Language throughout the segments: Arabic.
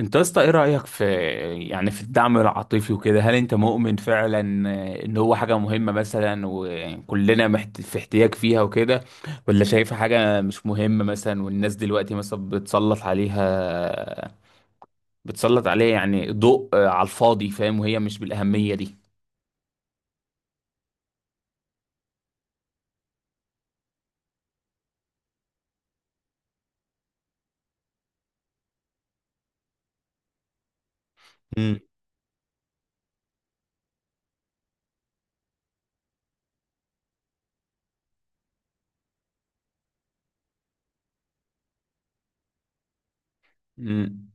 انت يا اسطى ايه رأيك في في الدعم العاطفي وكده، هل انت مؤمن فعلا ان هو حاجة مهمة مثلا، وكلنا في احتياج فيها وكده؟ ولا شايفها حاجة مش مهمة مثلا، والناس دلوقتي مثلا بتسلط عليها يعني ضوء على الفاضي، فاهم؟ وهي مش بالأهمية دي. مم. مم.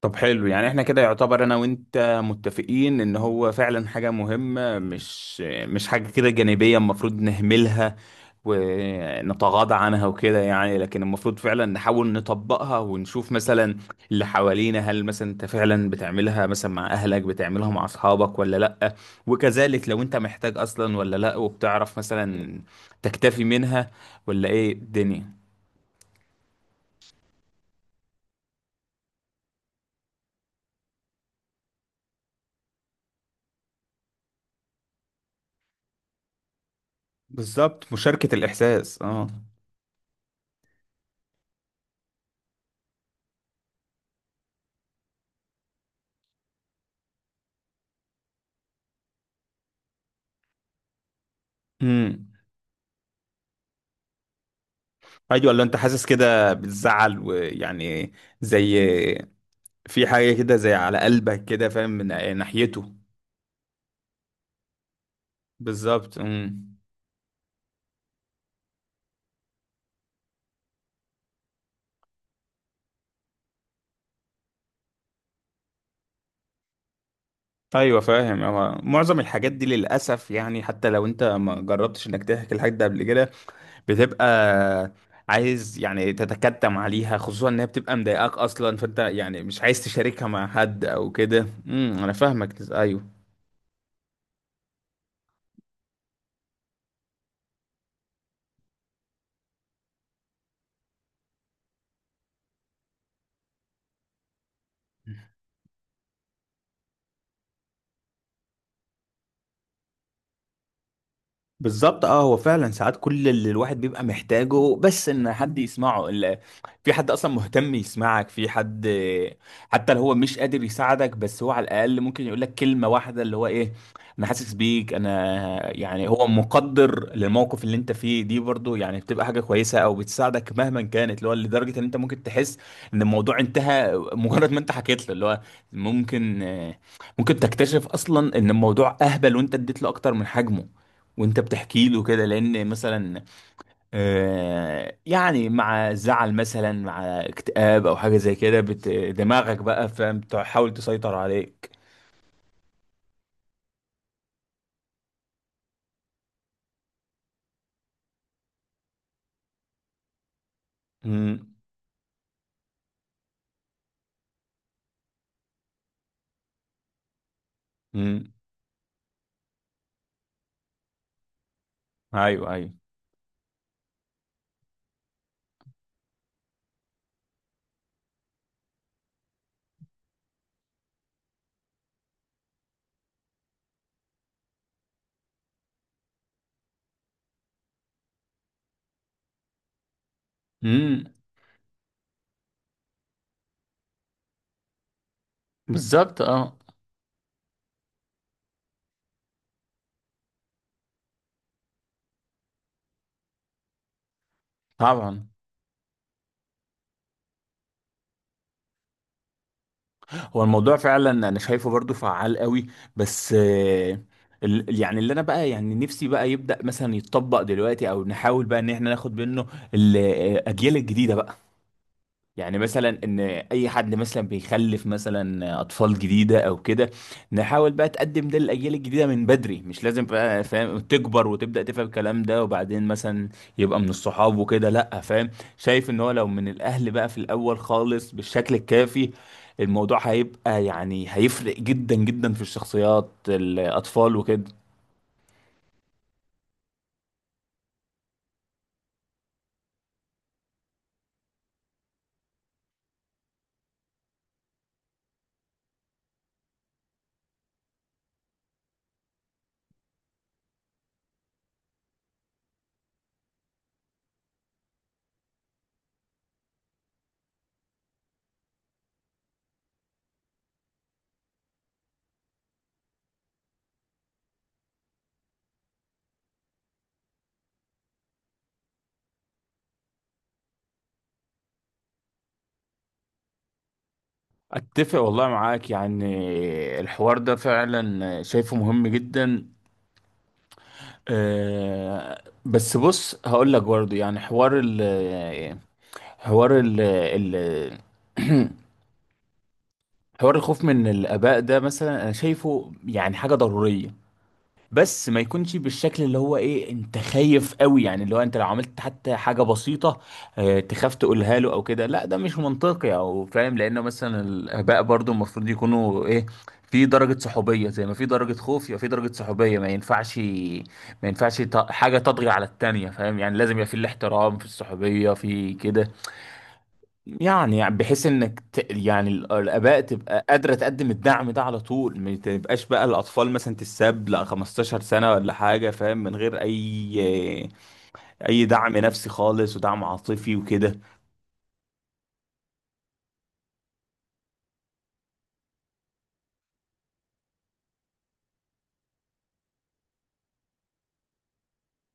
طب حلو، يعني احنا كده يعتبر انا وانت متفقين ان هو فعلا حاجة مهمة، مش حاجة كده جانبية المفروض نهملها ونتغاضى عنها وكده. يعني لكن المفروض فعلا نحاول نطبقها ونشوف مثلا اللي حوالينا، هل مثلا انت فعلا بتعملها مثلا مع اهلك، بتعملها مع اصحابك ولا لا؟ وكذلك لو انت محتاج اصلا ولا لا، وبتعرف مثلا تكتفي منها ولا ايه الدنيا؟ بالظبط، مشاركة الإحساس اه. امم ايوه، لو انت حاسس كده بتزعل، ويعني زي في حاجه كده زي على قلبك كده، فاهم من ناحيته؟ بالظبط. ايوه، فاهم. هو معظم الحاجات دي للاسف يعني، حتى لو انت ما جربتش انك تحكي الحاجات ده قبل كده، بتبقى عايز يعني تتكتم عليها، خصوصا انها بتبقى مضايقاك اصلا، فانت يعني مش عايز تشاركها مع حد او كده. انا فاهمك، ايوه بالظبط اه. هو فعلا ساعات كل اللي الواحد بيبقى محتاجه بس ان حد يسمعه، في حد اصلا مهتم يسمعك، في حد حتى لو هو مش قادر يساعدك بس هو على الاقل ممكن يقول لك كلمة واحدة اللي هو ايه، انا حاسس بيك، انا يعني هو مقدر للموقف اللي انت فيه دي، برضو يعني بتبقى حاجة كويسة او بتساعدك مهما كانت، اللي هو لدرجة ان انت ممكن تحس ان الموضوع انتهى مجرد ما انت حكيت له، اللي هو ممكن ممكن تكتشف اصلا ان الموضوع اهبل وانت اديت له اكتر من حجمه وانت بتحكي له كده، لان مثلا يعني مع زعل مثلا، مع اكتئاب او حاجه زي كده، دماغك بقى فاهم تحاول تسيطر عليك. امم امم ايوه ايوه، امم بالظبط اه، طبعا. هو الموضوع فعلا انا شايفه برضو فعال قوي، بس يعني اللي انا بقى يعني نفسي بقى يبدأ مثلا يتطبق دلوقتي، او نحاول بقى ان احنا ناخد منه الاجيال الجديده بقى. يعني مثلا ان اي حد مثلا بيخلف مثلا اطفال جديده او كده، نحاول بقى تقدم ده للاجيال الجديده من بدري، مش لازم بقى فاهم تكبر وتبدا تفهم الكلام ده، وبعدين مثلا يبقى من الصحاب وكده، لا فاهم؟ شايف ان هو لو من الاهل بقى في الاول خالص بالشكل الكافي، الموضوع هيبقى يعني هيفرق جدا جدا في الشخصيات الاطفال وكده. اتفق والله معاك، يعني الحوار ده فعلا شايفه مهم جدا. أه بس بص هقول لك برضه، يعني حوار ال حوار الخوف من الآباء ده مثلا أنا شايفه يعني حاجة ضرورية، بس ما يكونش بالشكل اللي هو ايه انت خايف قوي، يعني اللي هو انت لو عملت حتى حاجة بسيطة اه تخاف تقولها له او كده، لا ده مش منطقي او فاهم؟ لانه مثلا الاباء برضو المفروض يكونوا ايه، في درجة صحوبية زي ما في درجة خوف، يبقى في درجة صحوبية، ما ينفعش حاجة تطغي على التانية، فاهم؟ يعني لازم يبقى في الاحترام، في الصحوبية، في كده. يعني يعني بحيث انك يعني الاباء تبقى قادره تقدم الدعم ده على طول، ما تبقاش بقى الاطفال مثلا تتساب لا 15 سنه ولا حاجه فاهم، من غير اي دعم نفسي خالص ودعم عاطفي وكده.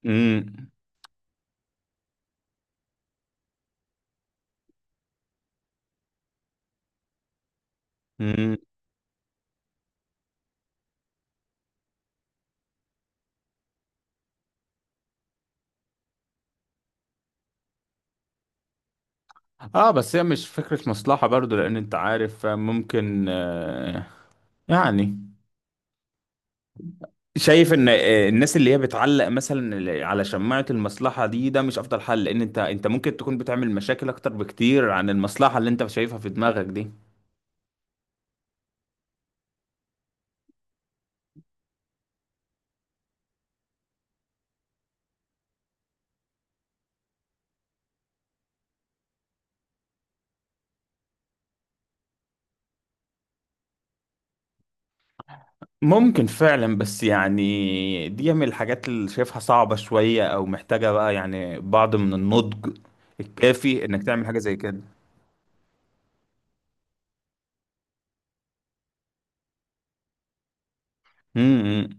امم امم اه بس هي مش فكره مصلحه برضو، لان انت عارف ممكن يعني شايف ان الناس اللي هي بتعلق مثلا على شماعة المصلحة دي، ده مش افضل حل، لان انت ممكن تكون بتعمل مشاكل اكتر بكتير عن المصلحة اللي انت شايفها في دماغك دي. ممكن فعلا، بس يعني دي من الحاجات اللي شايفها صعبة شوية، او محتاجة بقى يعني بعض من النضج الكافي انك تعمل حاجة زي كده. امم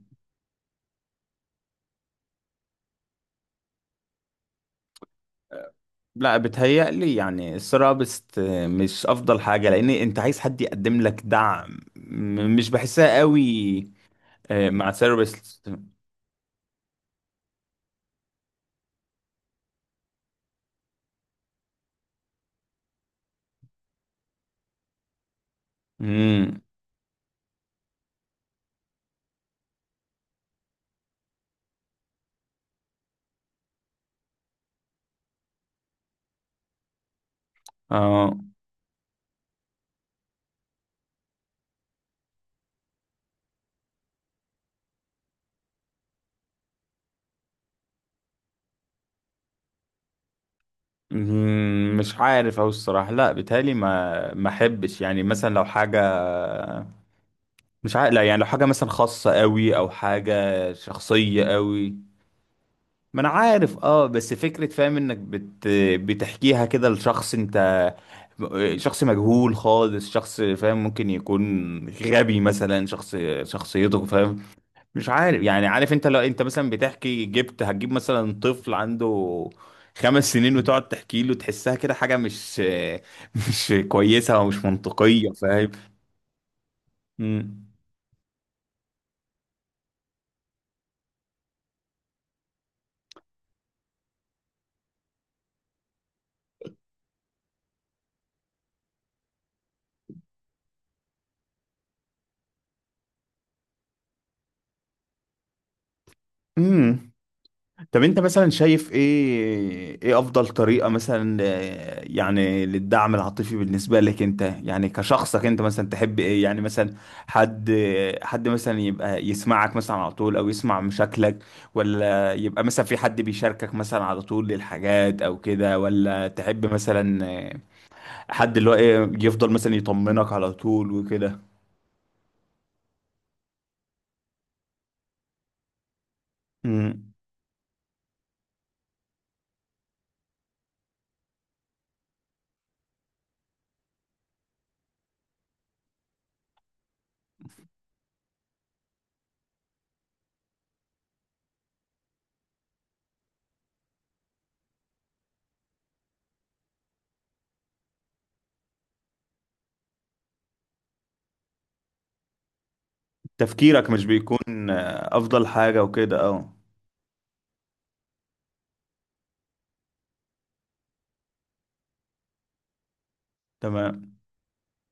لا بتهيألي يعني الثيرابيست مش افضل حاجة، لان انت عايز حد يقدم لك دعم، مش بحسها قوي مع ثيرابيست. امم اه مش عارف، او الصراحه لا بيتهيألي ما احبش يعني، مثلا لو حاجه مش عارف، لا يعني لو حاجه مثلا خاصه قوي او حاجه شخصيه قوي. ما انا عارف، اه بس فكره فاهم انك بتحكيها كده لشخص انت، شخص مجهول خالص، شخص فاهم ممكن يكون غبي مثلا، شخص شخصيته فاهم، مش عارف. يعني عارف انت لو انت مثلا بتحكي هتجيب مثلا طفل عنده 5 سنين وتقعد تحكي له، تحسها كده حاجة مش مش كويسة ومش منطقية، فاهم؟ امم طب انت مثلا شايف ايه، ايه افضل طريقة مثلا يعني للدعم العاطفي بالنسبة لك انت، يعني كشخصك انت مثلا تحب ايه؟ يعني مثلا حد حد مثلا يبقى يسمعك مثلا على طول، او يسمع مشاكلك؟ ولا يبقى مثلا في حد بيشاركك مثلا على طول للحاجات او كده؟ ولا تحب مثلا آه، حد اللي هو ايه يفضل مثلا يطمنك على طول وكده؟ مم. تفكيرك مش بيكون افضل حاجة وكده، اه. تمام.